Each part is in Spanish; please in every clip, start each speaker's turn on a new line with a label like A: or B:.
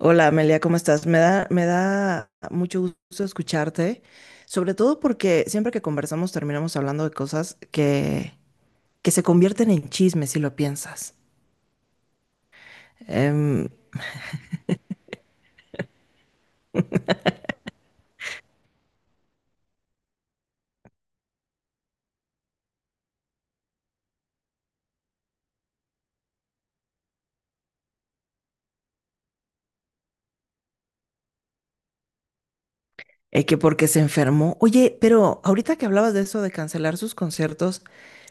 A: Hola Amelia, ¿cómo estás? Me da mucho gusto escucharte, sobre todo porque siempre que conversamos terminamos hablando de cosas que se convierten en chismes si lo piensas. Em, que porque se enfermó. Oye, pero ahorita que hablabas de eso de cancelar sus conciertos,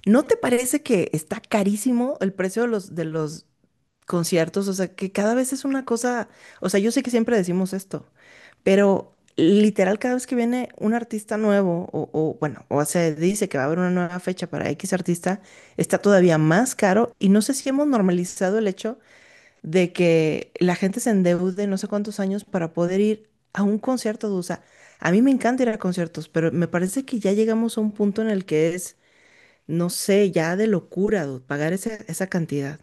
A: ¿no te parece que está carísimo el precio de los conciertos? O sea, que cada vez es una cosa, o sea, yo sé que siempre decimos esto, pero literal, cada vez que viene un artista nuevo, o, bueno, o se dice que va a haber una nueva fecha para X artista, está todavía más caro. Y no sé si hemos normalizado el hecho de que la gente se endeude no sé cuántos años para poder ir a un concierto de USA. A mí me encanta ir a conciertos, pero me parece que ya llegamos a un punto en el que es, no sé, ya de locura, dude, pagar esa cantidad.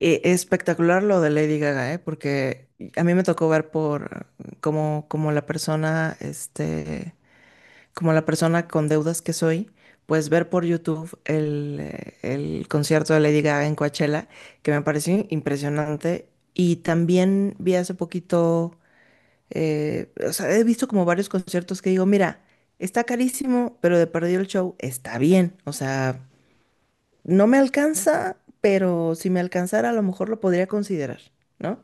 A: Espectacular lo de Lady Gaga, ¿eh? Porque a mí me tocó ver por como la persona, como la persona con deudas que soy, pues ver por YouTube el concierto de Lady Gaga en Coachella, que me pareció impresionante. Y también vi hace poquito, o sea, he visto como varios conciertos que digo, mira, está carísimo, pero de perdido el show está bien. O sea, no me alcanza, pero si me alcanzara, a lo mejor lo podría considerar, ¿no?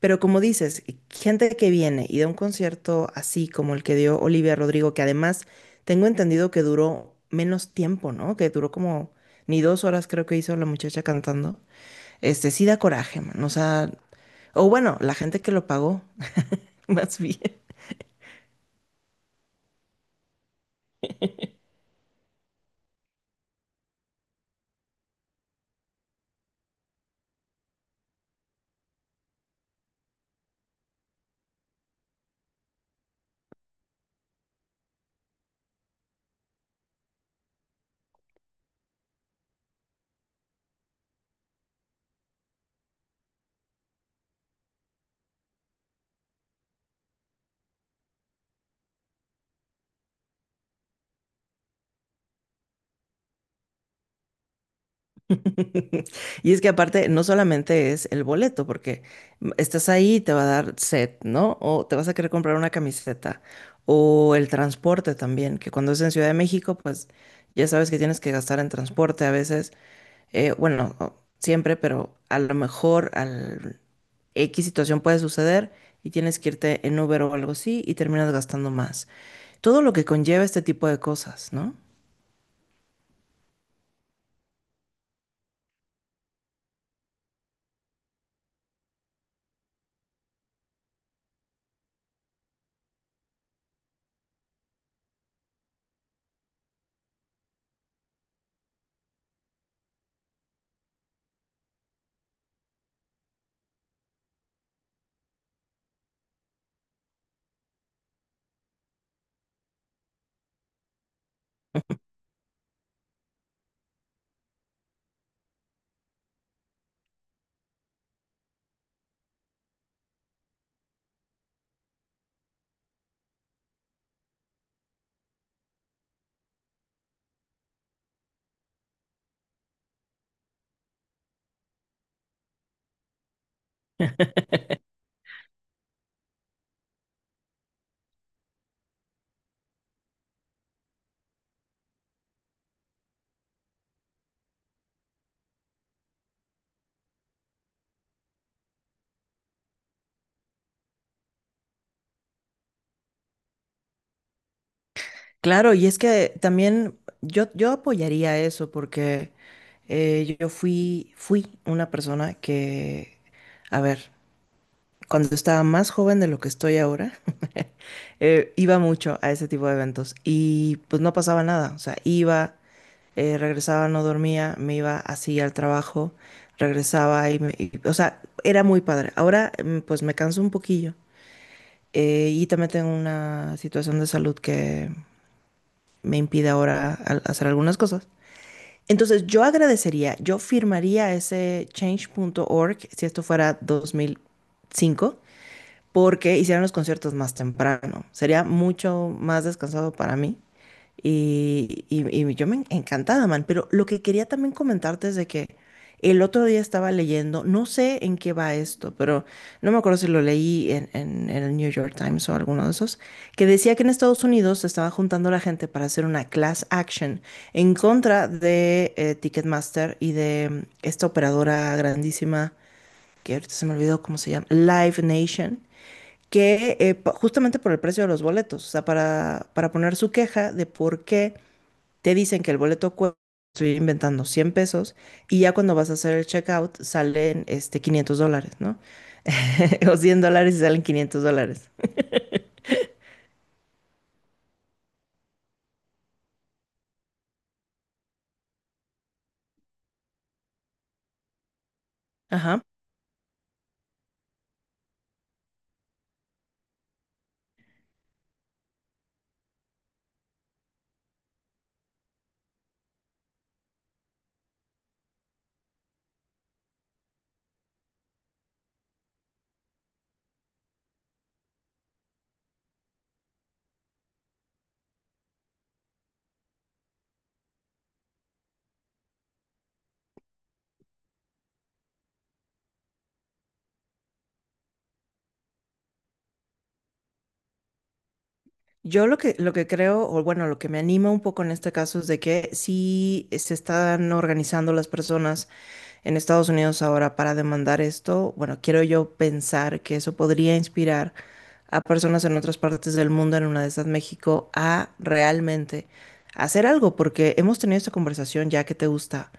A: Pero como dices, gente que viene y da un concierto así como el que dio Olivia Rodrigo, que además tengo entendido que duró menos tiempo, ¿no? Que duró como ni 2 horas, creo que hizo la muchacha cantando. Este sí da coraje, man. O sea, o bueno, la gente que lo pagó, más bien. Y es que aparte no solamente es el boleto, porque estás ahí, te va a dar set, ¿no? O te vas a querer comprar una camiseta. O el transporte también, que cuando es en Ciudad de México, pues ya sabes que tienes que gastar en transporte a veces. Bueno, siempre, pero a lo mejor al X situación puede suceder y tienes que irte en Uber o algo así y terminas gastando más. Todo lo que conlleva este tipo de cosas, ¿no? Claro, y es que también yo apoyaría eso porque yo fui, fui una persona que, a ver, cuando estaba más joven de lo que estoy ahora, iba mucho a ese tipo de eventos y pues no pasaba nada, o sea, iba, regresaba, no dormía, me iba así al trabajo, regresaba y, o sea, era muy padre. Ahora pues me canso un poquillo y también tengo una situación de salud que me impide ahora hacer algunas cosas. Entonces yo agradecería, yo firmaría ese change.org si esto fuera 2005 porque hicieran los conciertos más temprano. Sería mucho más descansado para mí. Y yo encantada, man. Pero lo que quería también comentarte es de que el otro día estaba leyendo, no sé en qué va esto, pero no me acuerdo si lo leí en, en el New York Times o alguno de esos, que decía que en Estados Unidos se estaba juntando la gente para hacer una class action en contra de Ticketmaster y de esta operadora grandísima que ahorita se me olvidó cómo se llama, Live Nation que justamente por el precio de los boletos, o sea, para poner su queja de por qué te dicen que el boleto cuesta, estoy inventando 100 pesos, y ya cuando vas a hacer el checkout salen este, $500, ¿no? O $100 y salen $500. Ajá. Yo lo que creo, o bueno, lo que me anima un poco en este caso es de que sí se están organizando las personas en Estados Unidos ahora para demandar esto. Bueno, quiero yo pensar que eso podría inspirar a personas en otras partes del mundo, en una de estas México, a realmente hacer algo, porque hemos tenido esta conversación ya que te gusta.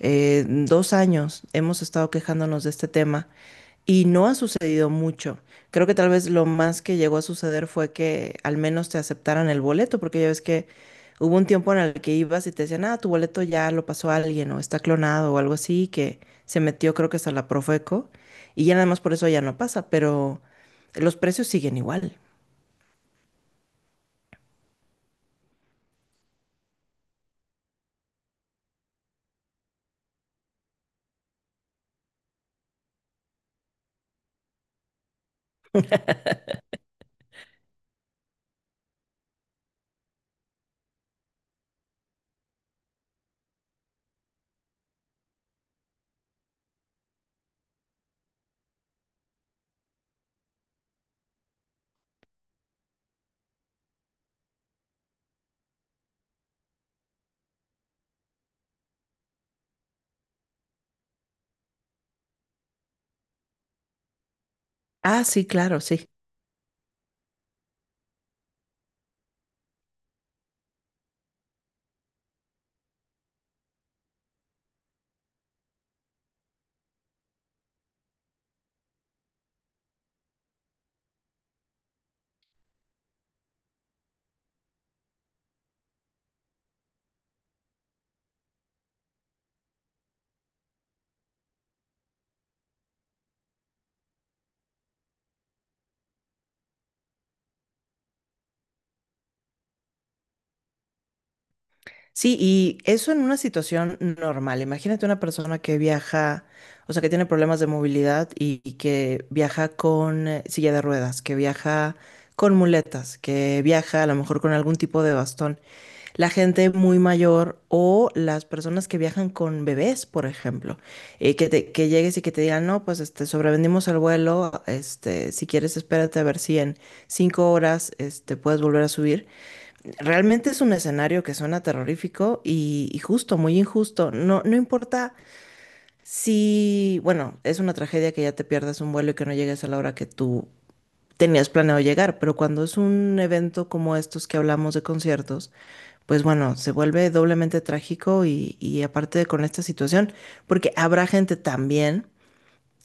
A: 2 años hemos estado quejándonos de este tema y no ha sucedido mucho. Creo que tal vez lo más que llegó a suceder fue que al menos te aceptaran el boleto, porque ya ves que hubo un tiempo en el que ibas y te decían, ah, tu boleto ya lo pasó alguien o está clonado o algo así, que se metió creo que hasta la Profeco y ya nada más por eso ya no pasa, pero los precios siguen igual. Ah, sí, claro, sí. Sí, y eso en una situación normal. Imagínate una persona que viaja, o sea, que tiene problemas de movilidad y que viaja con silla de ruedas, que viaja con muletas, que viaja a lo mejor con algún tipo de bastón. La gente muy mayor o las personas que viajan con bebés, por ejemplo, que llegues y que te digan, no, pues este, sobrevendimos el vuelo, este, si quieres espérate a ver si en 5 horas este, puedes volver a subir. Realmente es un escenario que suena terrorífico y justo, muy injusto. No, no importa si, bueno, es una tragedia que ya te pierdas un vuelo y que no llegues a la hora que tú tenías planeado llegar, pero cuando es un evento como estos que hablamos de conciertos, pues bueno, se vuelve doblemente trágico y aparte con esta situación, porque habrá gente también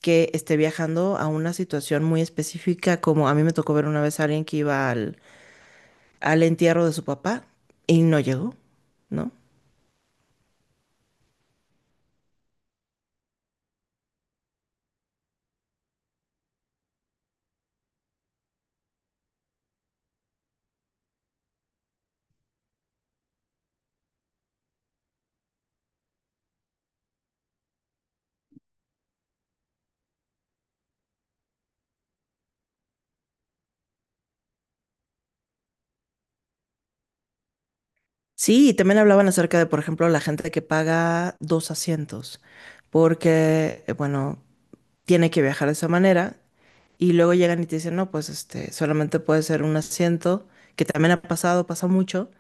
A: que esté viajando a una situación muy específica, como a mí me tocó ver una vez a alguien que iba al entierro de su papá y no llegó, ¿no? Sí, y también hablaban acerca de, por ejemplo, la gente que paga dos asientos, porque, bueno, tiene que viajar de esa manera y luego llegan y te dicen, no, pues este, solamente puede ser un asiento, que también ha pasado, pasa mucho,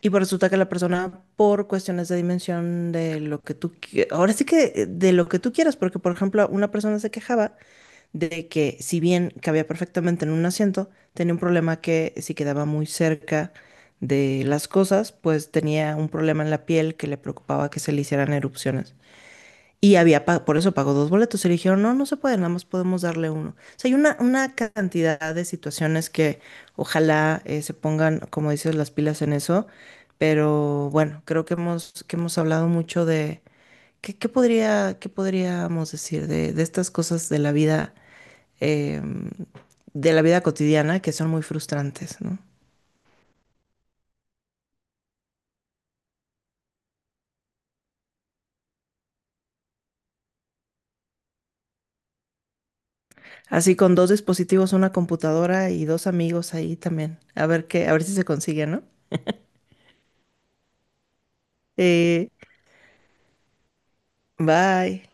A: y pues resulta que la persona, por cuestiones de dimensión de lo que tú, ahora sí que de lo que tú quieras, porque, por ejemplo, una persona se quejaba de que si bien cabía perfectamente en un asiento, tenía un problema que si quedaba muy cerca de las cosas, pues tenía un problema en la piel que le preocupaba que se le hicieran erupciones. Y había, por eso pagó dos boletos. Y le dijeron, no, no se puede, nada más podemos darle uno. O sea, hay una cantidad de situaciones que ojalá se pongan, como dices, las pilas en eso. Pero bueno, creo que hemos hablado mucho de qué qué podríamos decir de estas cosas de la vida, em, de la vida cotidiana que son muy frustrantes, ¿no? Así con dos dispositivos, una computadora y dos amigos ahí también. A ver si se consigue, ¿no? Eh, Bye.